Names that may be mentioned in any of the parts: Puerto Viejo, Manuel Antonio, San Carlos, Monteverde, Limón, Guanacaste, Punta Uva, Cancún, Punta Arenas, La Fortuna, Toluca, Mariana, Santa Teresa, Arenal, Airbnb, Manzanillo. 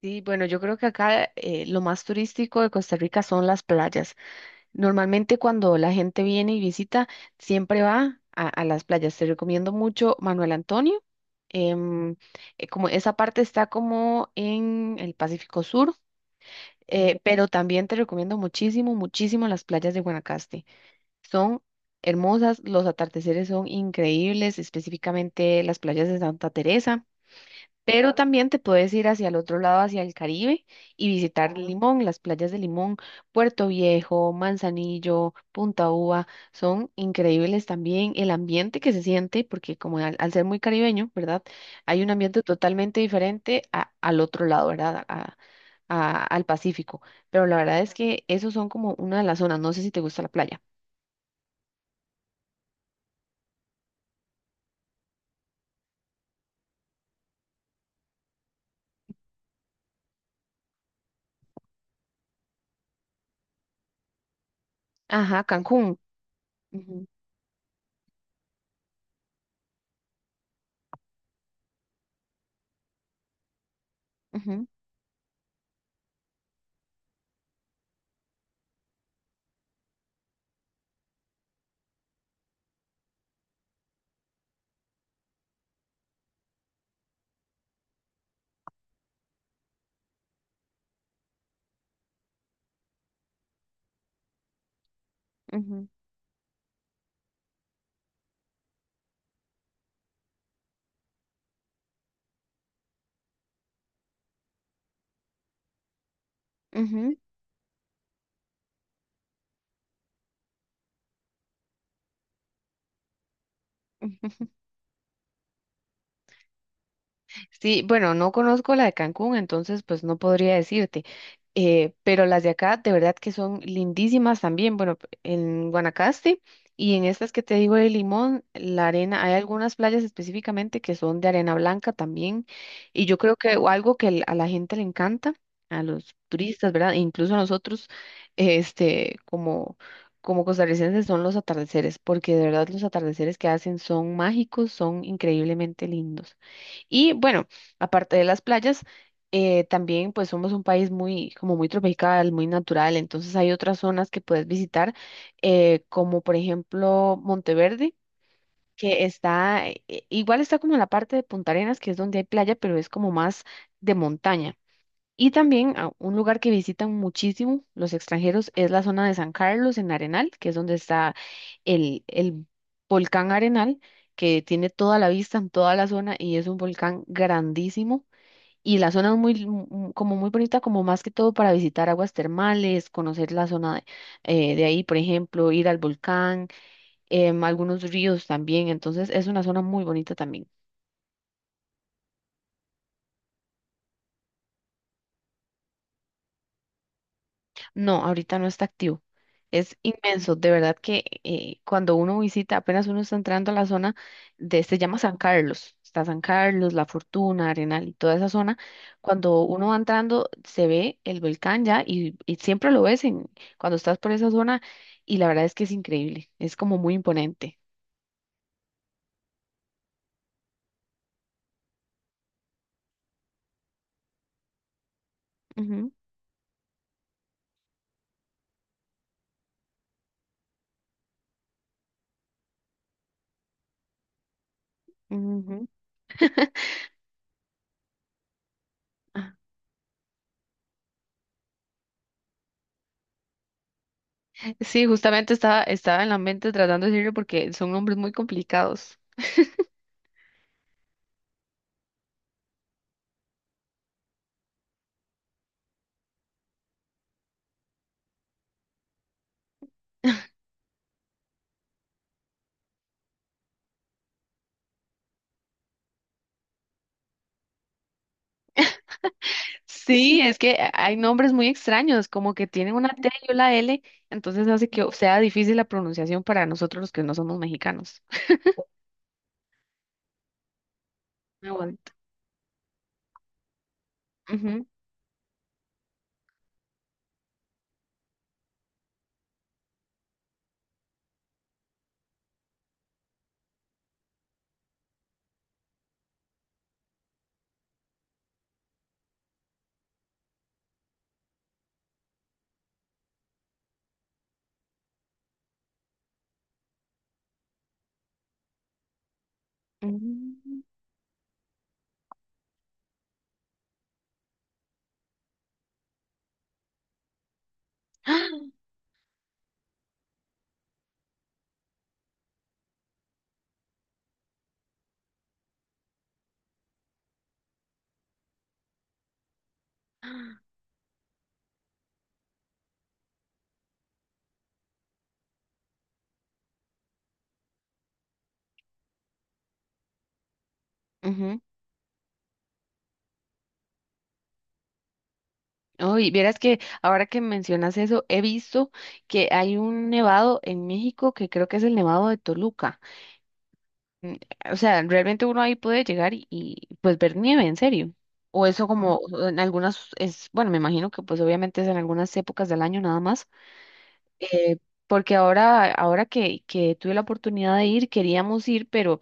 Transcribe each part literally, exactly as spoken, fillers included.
Sí, bueno, yo creo que acá eh, lo más turístico de Costa Rica son las playas. Normalmente cuando la gente viene y visita, siempre va a, a las playas. Te recomiendo mucho Manuel Antonio. em, eh, Como esa parte está como en el Pacífico Sur, eh, pero también te recomiendo muchísimo, muchísimo las playas de Guanacaste. Son hermosas, los atardeceres son increíbles, específicamente las playas de Santa Teresa. Pero también te puedes ir hacia el otro lado, hacia el Caribe, y visitar Limón, las playas de Limón, Puerto Viejo, Manzanillo, Punta Uva, son increíbles también. El ambiente que se siente, porque como al, al ser muy caribeño, ¿verdad? Hay un ambiente totalmente diferente a- al otro lado, ¿verdad? A- a- al Pacífico. Pero la verdad es que esos son como una de las zonas. No sé si te gusta la playa. Ajá, Cancún. Ujú, ujú, ujú, ujú, ujú. Sí, bueno, no conozco la de Cancún, entonces pues no podría decirte, eh, pero las de acá de verdad que son lindísimas también. Bueno, p- en Guanacaste y en estas que te digo de Limón, la arena, hay algunas playas específicamente que son de arena blanca también, y yo creo que o algo que l- a la gente le encanta, a los turistas, ¿verdad? E incluso a nosotros, este, como... Como costarricenses son los atardeceres, porque de verdad los atardeceres que hacen son mágicos, son increíblemente lindos. Y bueno, aparte de las playas, eh, también pues somos un país muy, como muy tropical, muy natural, entonces hay otras zonas que puedes visitar, eh, como por ejemplo Monteverde, que está, eh, igual está como en la parte de Punta Arenas, que es donde hay playa, pero es como más de montaña. Y también a un lugar que visitan muchísimo los extranjeros es la zona de San Carlos en Arenal, que es donde está el, el volcán Arenal, que tiene toda la vista en toda la zona y es un volcán grandísimo. Y la zona es muy, m- m- como muy bonita, como más que todo para visitar aguas termales, conocer la zona de, eh, de ahí, por ejemplo, ir al volcán, em, algunos ríos también. Entonces es una zona muy bonita también. No, ahorita no está activo. Es inmenso, de verdad que eh, cuando uno visita, apenas uno está entrando a la zona de, se llama San Carlos, está San Carlos, La Fortuna, Arenal y toda esa zona. Cuando uno va entrando, se ve el volcán ya y, y siempre lo ves en, cuando estás por esa zona y la verdad es que es increíble, es como muy imponente. Ujú, ujú. Ah, sí, justamente estaba, estaba en la mente tratando de decirlo porque son nombres muy complicados. Sí, es que hay nombres muy extraños, como que tienen una T y una L, entonces hace que sea difícil la pronunciación para nosotros los que no somos mexicanos. Ah, bueno. Ujú, ujú. ¡Ah! Ujú. Uy, vieras que ahora que mencionas eso, he visto que hay un nevado en México que creo que es el nevado de Toluca. Mm. O sea, realmente uno ahí puede llegar y, y, pues ver nieve, en serio. O eso como o en algunas es, bueno, me imagino que pues obviamente es en algunas épocas del año nada más, eh, porque ahora, ahora que, que tuve la oportunidad de ir, queríamos ir, pero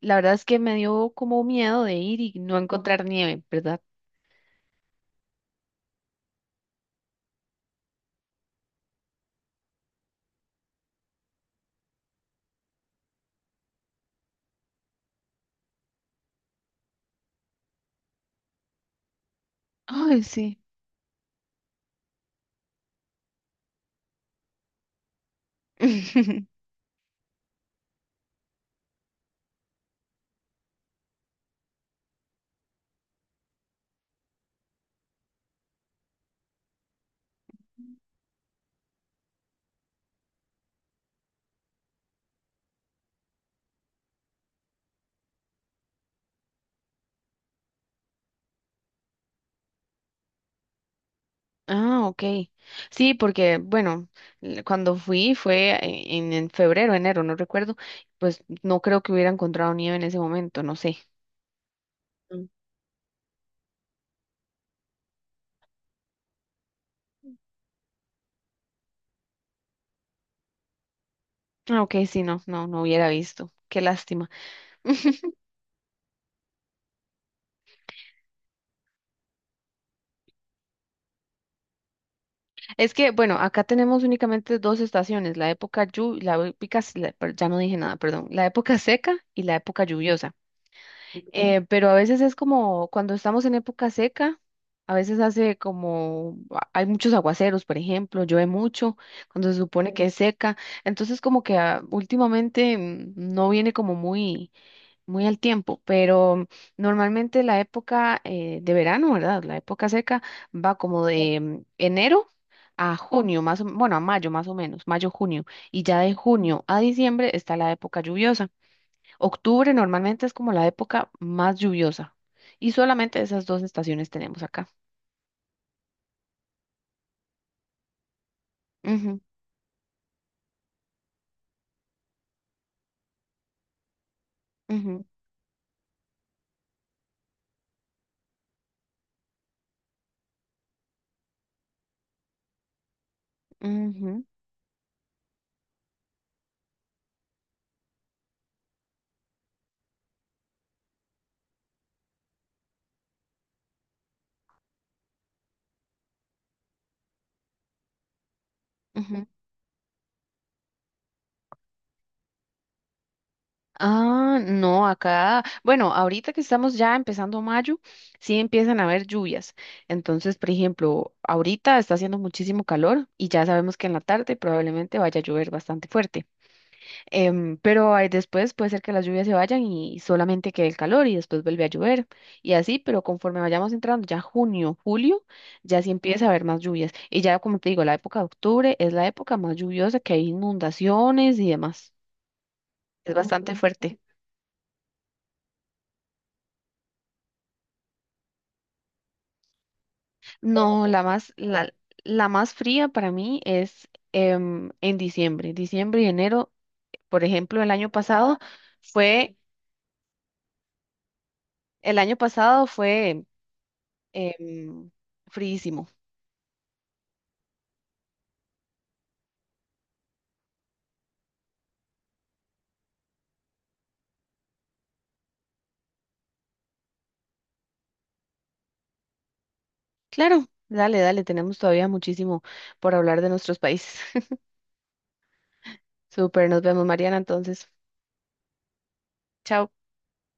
la verdad es que me dio como miedo de ir y no encontrar nieve, ¿verdad? Ay, sí. Ah, ok. Sí, porque, bueno, l- cuando fui fue e- en, en febrero, enero, no recuerdo, pues no creo que hubiera encontrado nieve en ese momento, no sé. Mm. Ah, ok, sí, no, no, no hubiera visto. Qué lástima. Es que, bueno, acá tenemos únicamente dos estaciones, la época llu- la época, s- la- per- ya no dije nada, perdón, la época seca y la época lluviosa. Eh, pero a veces es como cuando estamos en época seca, a veces hace como, a- hay muchos aguaceros, por ejemplo, llueve mucho cuando se supone que es seca, entonces como que ah, últimamente mm, no viene como muy muy al tiempo, pero normalmente la época eh, de verano, ¿verdad? La época seca va como de mm, enero a junio, más o- bueno, a mayo más o menos, mayo, junio, y ya de junio a diciembre está la época lluviosa. Octubre normalmente es como la época más lluviosa y solamente esas dos estaciones tenemos acá. Ujú, ujú, ujú, ujú. Ah, no, acá, bueno, ahorita que estamos ya empezando mayo, sí empiezan a haber lluvias. Entonces, por ejemplo, ahorita está haciendo muchísimo calor y ya sabemos que en la tarde probablemente vaya a llover bastante fuerte. Em, pero ahí después puede ser que las lluvias se vayan y solamente quede el calor y después vuelve a llover y así, pero conforme vayamos entrando ya junio, julio, ya sí empieza a haber más lluvias. Y ya, como te digo, la época de octubre es la época más lluviosa que hay inundaciones y demás. Es bastante fuerte. No, la más, la, la más fría para mí es em, en diciembre. Diciembre y enero, por ejemplo, el año pasado fue, el año pasado fue em, fríísimo. Claro, dale, dale, tenemos todavía muchísimo por hablar de nuestros países. Súper, nos vemos, Mariana, entonces. Chao.